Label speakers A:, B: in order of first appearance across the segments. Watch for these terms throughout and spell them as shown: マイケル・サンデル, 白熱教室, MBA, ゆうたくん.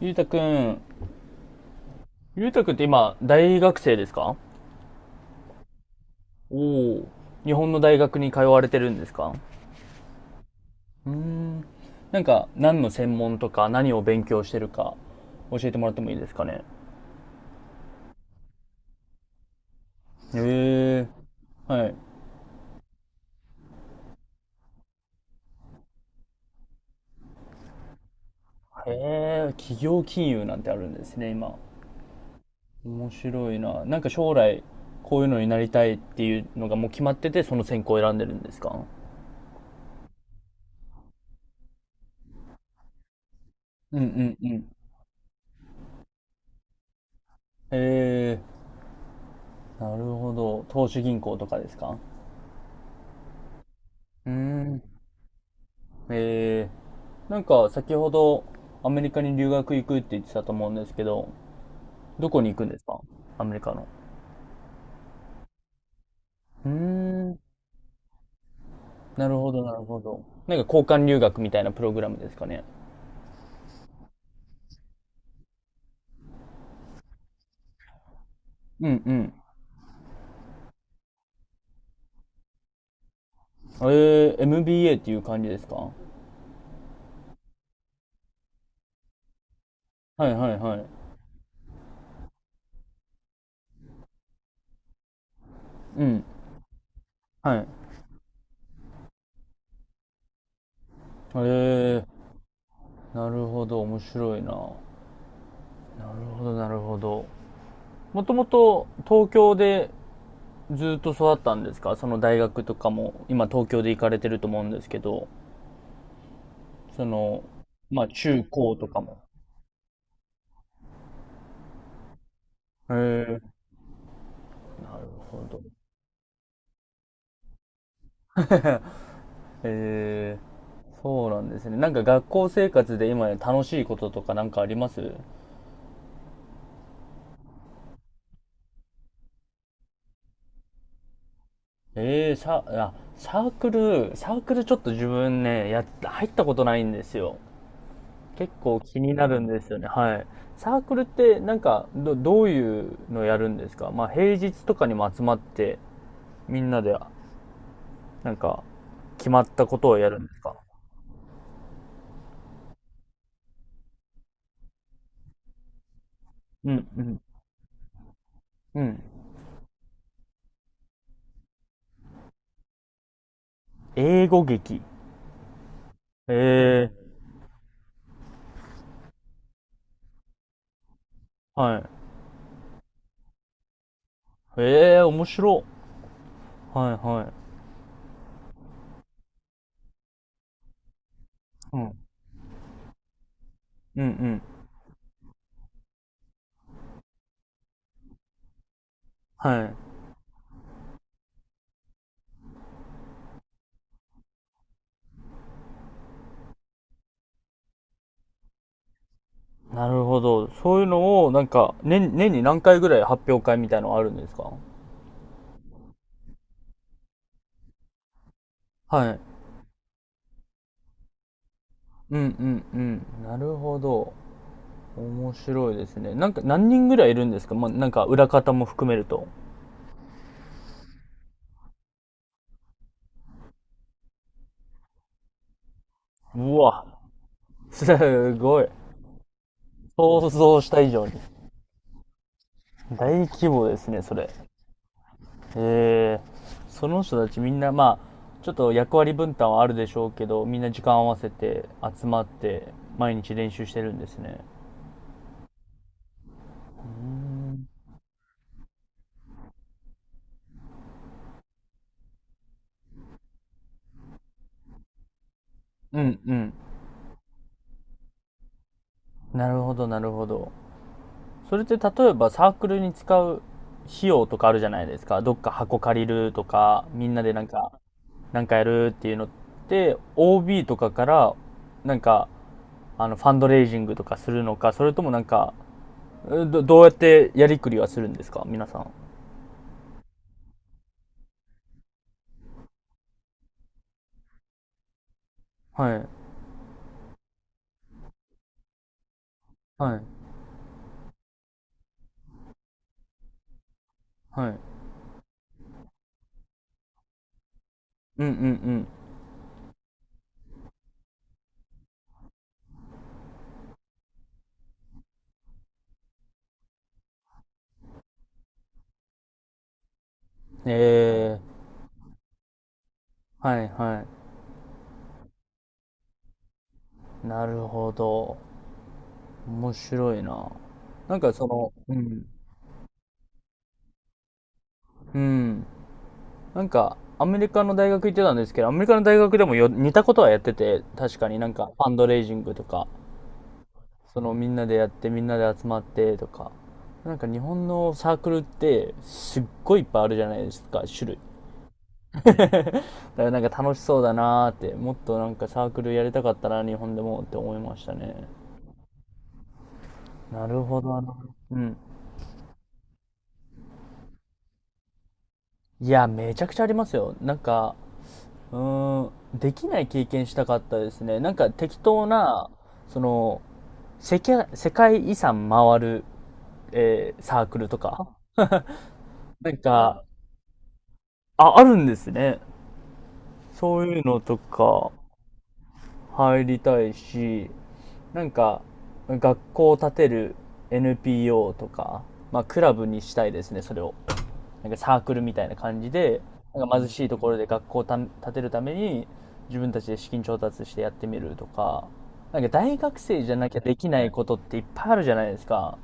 A: ゆうたくん。ゆうたくんって今、大学生ですか？お。お、日本の大学に通われてるんですか？うーん、なんか何の専門とか何を勉強してるか教えてもらってもいいですかね。へえ、はい。へえ、企業金融なんてあるんですね、今。面白いな。なんか将来こういうのになりたいっていうのがもう決まってて、その専攻を選んでるんですか？うんうんうん。へえ、なるほど。投資銀行とかですか？うーん。えなんか先ほどアメリカに留学行くって言ってたと思うんですけど、どこに行くんですか？アメリカの。うーん、なるほど、なるほど。なんか交換留学みたいなプログラムですかね。うんうん。MBA っていう感じですか？はいはいはい。うん。はい。えー、なるほど、面白いな。なるほど、なるほど。もともと東京でずっと育ったんですか？その大学とかも今東京で行かれてると思うんですけど。その、まあ、中高とかも。へえ。なるほど。へえ。そうなんですね。なんか学校生活で今楽しいこととかなんかあります？ええ、サークル、ちょっと自分ね、や、入ったことないんですよ。結構気になるんですよね。はい。サークルってなんかどういうのやるんですか？まあ平日とかにも集まってみんなでなんか決まったことをやるんですか？うんうん。うん。英語劇。ええー、はい。ええー、面白。はいはい。うん。うんうん。はい。なるほど。そういうのを、なんか、年に何回ぐらい発表会みたいのあるんですか？はい。うんうんうん。なるほど。面白いですね。なんか、何人ぐらいいるんですか？まあ、なんか、裏方も含めると。うわ。すごい。想像した以上に。大規模ですね、それ。その人たちみんなまあちょっと役割分担はあるでしょうけどみんな時間合わせて集まって毎日練習してるんですね？うんうん。なるほど、なるほど。それって例えばサークルに使う費用とかあるじゃないですか。どっか箱借りるとかみんなでなんかなんかやるっていうのって OB とかからなんかファンドレイジングとかするのか、それともなんかどうやってやりくりはするんですか皆さん？はいはいはい。うんうんうん。ええ、はいはい。なるほど。面白いな。なんかその、うん、うん。なんか、アメリカの大学行ってたんですけど、アメリカの大学でもよ、似たことはやってて、確かになんか、ファンドレイジングとか、そのみんなでやって、みんなで集まってとか。なんか日本のサークルって、すっごいいっぱいあるじゃないですか、種類。だからなんか楽しそうだなーって、もっとなんかサークルやりたかったな、日本でもって思いましたね。なるほどな。うん。いや、めちゃくちゃありますよ。なんか、うーん、できない経験したかったですね。なんか適当な、その、世界遺産回る、サークルとか。なんか、あ、あるんですね。そういうのとか入りたいし、なんか、学校を建てる NPO とか、まあ、クラブにしたいですね、それを。なんかサークルみたいな感じで、なんか貧しいところで学校を建てるために、自分たちで資金調達してやってみるとか、なんか大学生じゃなきゃできないことっていっぱいあるじゃないですか。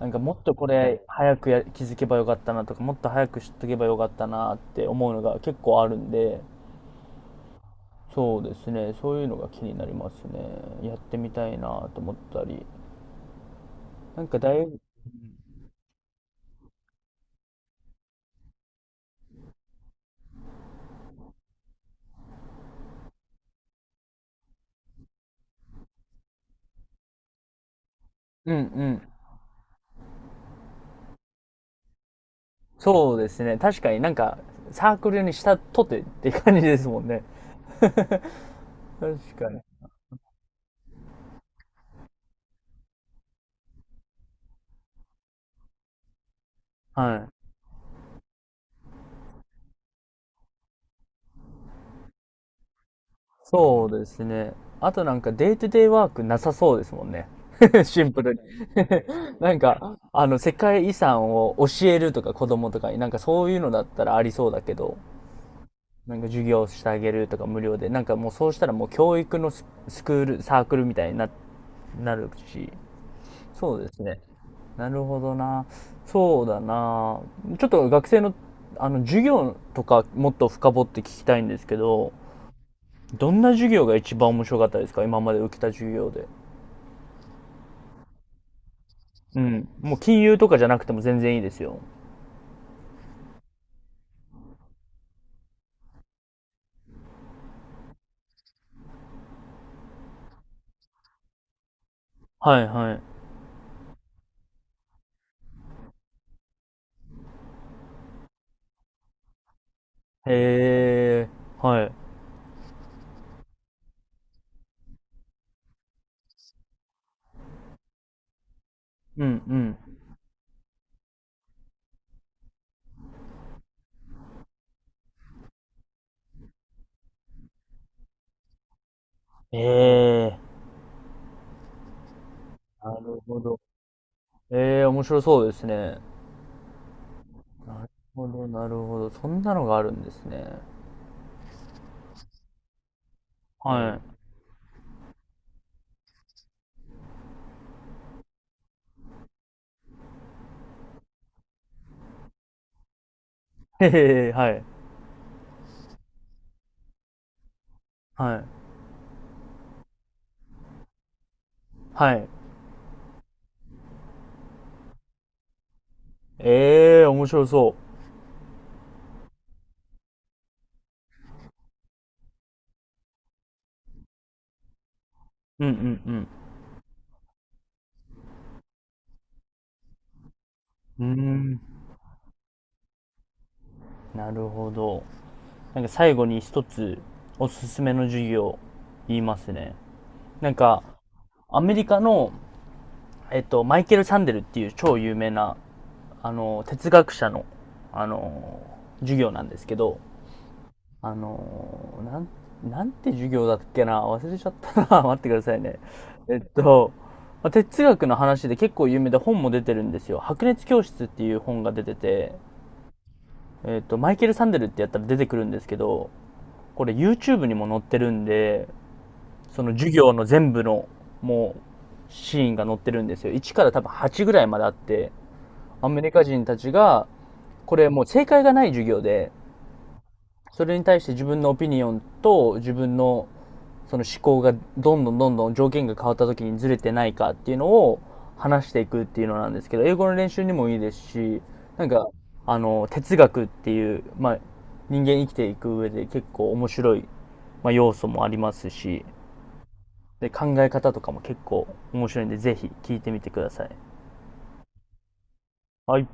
A: なんかもっとこれ早く気づけばよかったなとか、もっと早く知っとけばよかったなって思うのが結構あるんで、そうですね、そういうのが気になりますね。やってみたいなと思ったり。なんかうんうん。そうですね。確かになんか、サークルにしたとてって感じですもんね。確かに。はい。そうですね。あとなんかデイトゥデイワークなさそうですもんね。シンプルに。 なんか、世界遺産を教えるとか子供とかに、なんかそういうのだったらありそうだけど、なんか授業してあげるとか無料で、なんかもうそうしたらもう教育のスクール、サークルみたいになるし、そうですね。なるほどな。そうだな。ちょっと学生の、授業とかもっと深掘って聞きたいんですけど、どんな授業が一番面白かったですか？今まで受けた授業で。うん。もう金融とかじゃなくても全然いいですよ。はいはい。へえ、はい。うんうん。ええ、なるほど。ええ、面白そうですね。なるほど、なるほど。そんなのがあるんですね。はい。へえ、はい。はい。はい。ええ、面白そう。うんうんうん。うーん、なるほど。なんか最後に一つおすすめの授業言いますね。なんかアメリカの、マイケル・サンデルっていう超有名な、哲学者の、あの、授業なんですけど、あの、なん、なんて授業だっけな、忘れちゃったな、 待ってくださいね。えっと、まあ哲学の話で結構有名で本も出てるんですよ。白熱教室っていう本が出てて、マイケル・サンデルってやったら出てくるんですけど、これ YouTube にも載ってるんで、その授業の全部のもうシーンが載ってるんですよ。1から多分8ぐらいまであって、アメリカ人たちが、これもう正解がない授業で、それに対して自分のオピニオンと自分のその思考がどんどんどんどん条件が変わった時にずれてないかっていうのを話していくっていうのなんですけど、英語の練習にもいいですし、なんか、哲学っていう、まあ、人間生きていく上で結構面白い、まあ、要素もありますし、で、考え方とかも結構面白いんで、ぜひ聞いてみてください。はい。